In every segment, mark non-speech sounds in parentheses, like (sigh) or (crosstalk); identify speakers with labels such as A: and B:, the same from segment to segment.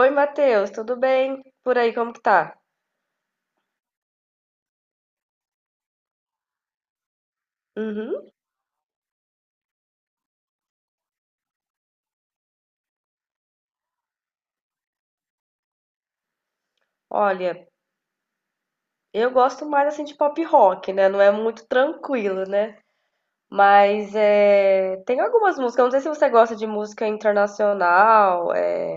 A: Oi, Matheus, tudo bem? Por aí, como que tá? Uhum. Olha, eu gosto mais assim de pop rock, né? Não é muito tranquilo, né? Mas tem algumas músicas. Eu Não sei se você gosta de música internacional,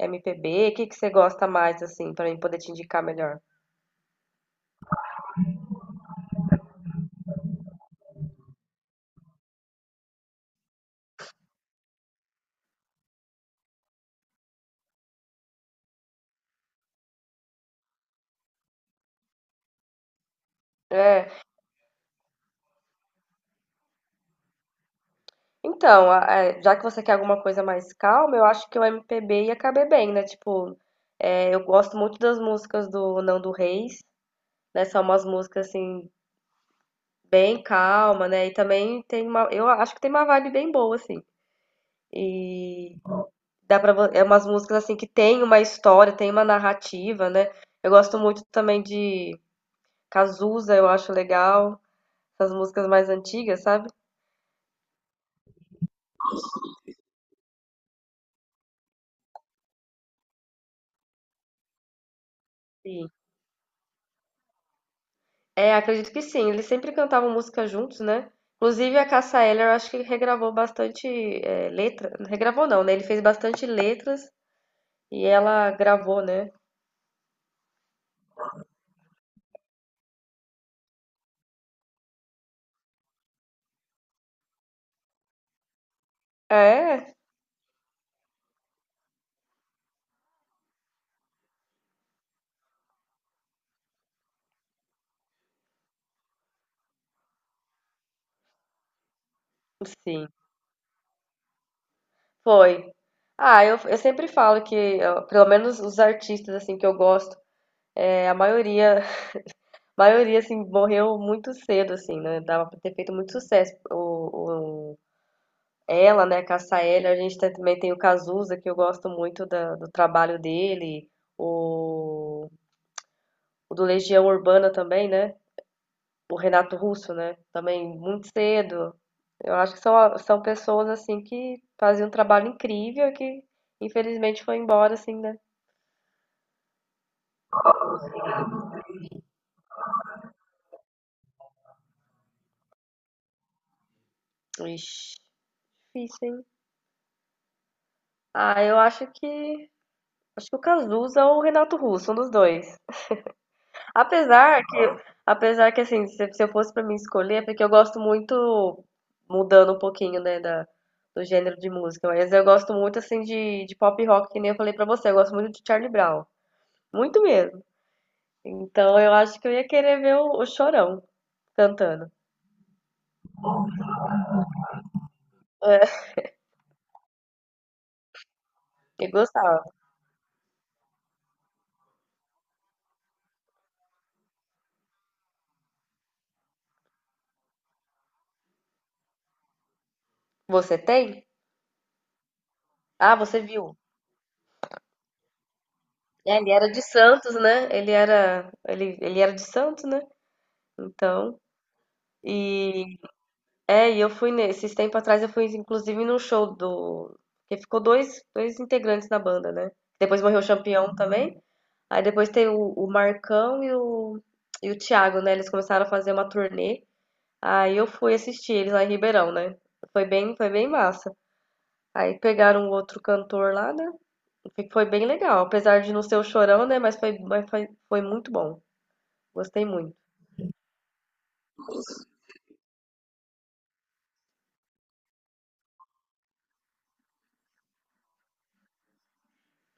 A: MPB, o que que você gosta mais assim, pra mim poder te indicar melhor? É, então, já que você quer alguma coisa mais calma, eu acho que o MPB ia caber bem, né? Tipo, eu gosto muito das músicas do Nando Reis, né? São umas músicas assim bem calma, né, e também tem uma eu acho que tem uma vibe bem boa, assim. E dá para, é umas músicas, assim, que tem uma história, tem uma narrativa, né. Eu gosto muito também de Cazuza, eu acho legal, essas músicas mais antigas, sabe. Sim. É, acredito que sim, eles sempre cantavam música juntos, né. Inclusive a Cássia Eller eu acho que regravou bastante, letra regravou não, né, ele fez bastante letras e ela gravou, né. É? Sim. Foi. Ah, eu sempre falo que, ó, pelo menos os artistas assim que eu gosto, é, a maioria, (laughs) a maioria assim morreu muito cedo assim, né? Dava pra ter feito muito sucesso. Ela, né, Cassaelli, também tem o Cazuza, que eu gosto muito do trabalho dele, o, o do Legião Urbana também, né? O Renato Russo, né? Também muito cedo. Eu acho que são, são pessoas assim que faziam um trabalho incrível e que infelizmente foi embora assim, né? Ixi. Difícil, hein? Ah, eu acho que. Acho que o Cazuza ou o Renato Russo, um dos dois. Apesar que, apesar que assim, se eu fosse pra mim escolher, é porque eu gosto muito, mudando um pouquinho, né, da, do gênero de música, mas eu gosto muito, assim, de pop rock, que nem eu falei pra você, eu gosto muito de Charlie Brown. Muito mesmo. Então eu acho que eu ia querer ver o Chorão cantando. É, eu gostava. Você tem? Ah, você viu? É, ele era de Santos, né? Ele era, ele era de Santos, né? Então, e é, e eu fui nesses tempo atrás eu fui inclusive num show do que ficou dois integrantes na banda, né? Depois morreu o Champião também. Aí depois tem o Marcão e o Thiago, né? Eles começaram a fazer uma turnê. Aí eu fui assistir eles lá em Ribeirão, né? Foi bem massa. Aí pegaram um outro cantor lá, né? Foi bem legal, apesar de não ser o Chorão, né? Mas foi, foi muito bom. Gostei muito.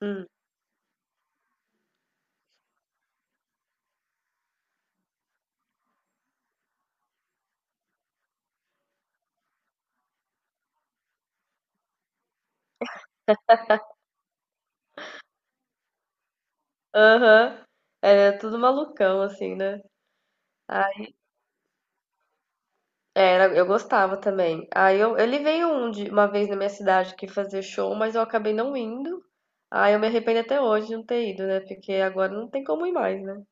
A: Hum. Aham. Era tudo malucão, assim, né? Ai, era, eu gostava também. Ele veio um de, uma vez na minha cidade que fazer show, mas eu acabei não indo. Aí eu me arrependo até hoje de não ter ido, né? Porque agora não tem como ir mais, né?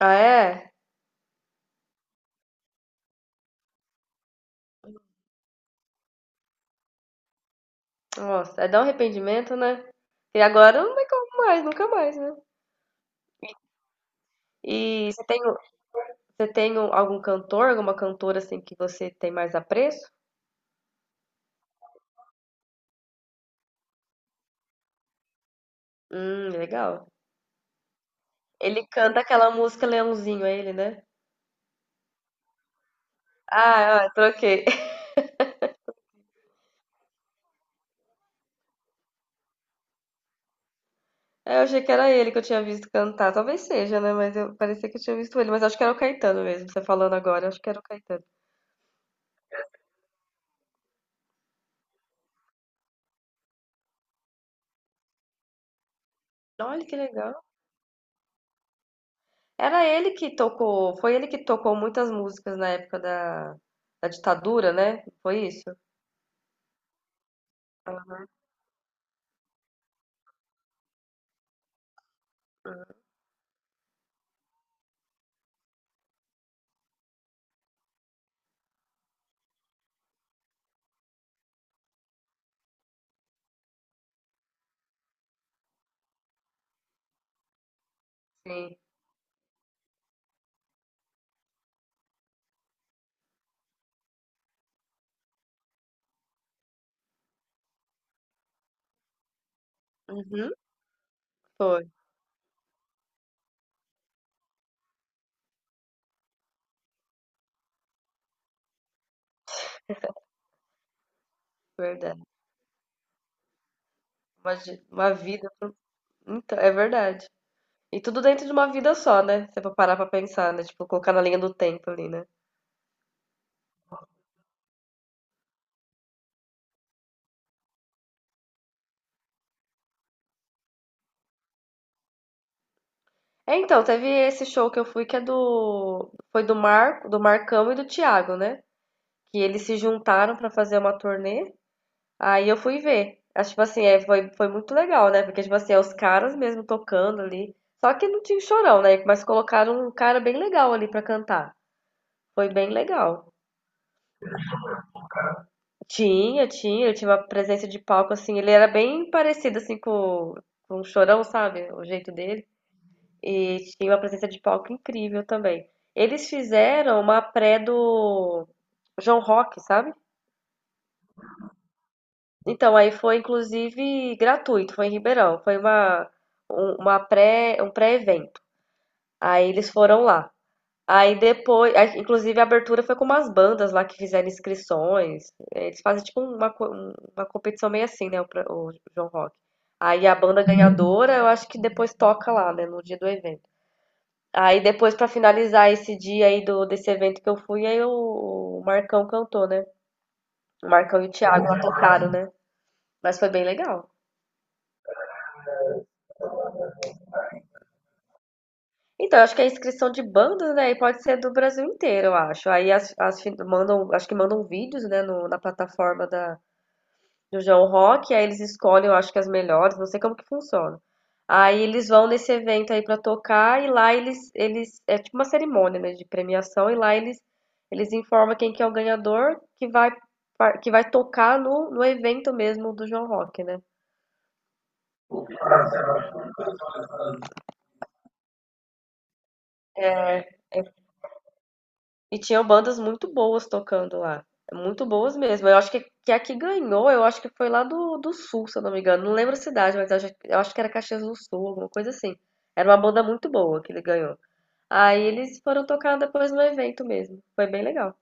A: Ah, é? Nossa, é dar um arrependimento, né? E agora não tem como mais, nunca mais, né? E você tem algum cantor, alguma cantora assim que você tem mais apreço? Legal. Ele canta aquela música Leãozinho, é ele, né? Ah, ah, troquei. (laughs) Eu achei que era ele que eu tinha visto cantar. Talvez seja, né? Mas eu parecia que eu tinha visto ele. Mas acho que era o Caetano mesmo, você falando agora. Acho que era o Caetano. Olha que legal. Era ele que tocou. Foi ele que tocou muitas músicas na época da, da ditadura, né? Foi isso? Aham, aham, sim. Uhum, foi, verdade. Uma, uma vida. Então, é verdade. E tudo dentro de uma vida só, né? Se você for parar pra pensar, né? Tipo, colocar na linha do tempo ali, né? É, então, teve esse show que eu fui que é do foi do Marco, do Marcão e do Thiago, né? Que eles se juntaram pra fazer uma turnê. Aí eu fui ver. Acho tipo assim, é, foi muito legal, né? Porque tipo assim, é os caras mesmo tocando ali. Só que não tinha o Chorão, né? Mas colocaram um cara bem legal ali pra cantar. Foi bem legal. Tinha, tinha, ele tinha uma presença de palco assim, ele era bem parecido assim com o Chorão, sabe? O jeito dele. E tinha uma presença de palco incrível também. Eles fizeram uma pré do João Rock, sabe? Então, aí foi inclusive gratuito, foi em Ribeirão, foi uma, um, uma pré, um pré-evento. Aí eles foram lá. Aí depois, aí, inclusive a abertura foi com umas bandas lá que fizeram inscrições. Eles fazem tipo uma, uma competição meio assim, né? O, o João Rock. Aí a banda ganhadora, eu acho que depois toca lá, né? No dia do evento. Aí depois pra finalizar esse dia aí do desse evento que eu fui, o Marcão cantou, né? O Marcão e o Thiago lá tocaram, né? Mas foi bem legal. Então, eu acho que é inscrição de bandas, né? E pode ser do Brasil inteiro, eu acho. Aí as mandam, acho que mandam vídeos, né, na plataforma da, do João Rock, aí eles escolhem, eu acho que as melhores, não sei como que funciona. Aí eles vão nesse evento aí pra tocar e lá eles é tipo uma cerimônia, né, de premiação e lá eles informam quem que é o ganhador que vai que vai tocar no evento mesmo do João Rock, né? E tinham bandas muito boas tocando lá. Muito boas mesmo. Eu acho que a que ganhou, eu acho que foi lá do, do Sul, se eu não me engano. Não lembro a cidade, mas eu acho que era Caxias do Sul, alguma coisa assim. Era uma banda muito boa que ele ganhou. Aí eles foram tocar depois no evento mesmo. Foi bem legal.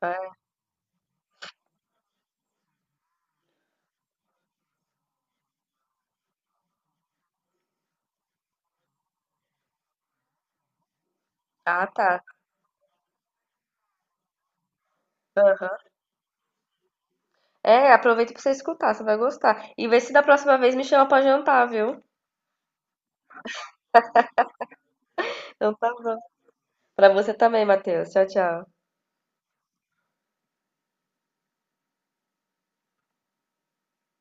A: Ah, ah, tá. Aham. É, aproveita pra você escutar, você vai gostar. E vê se da próxima vez me chama pra jantar, viu? Então tá bom. Pra você também, Matheus. Tchau, tchau.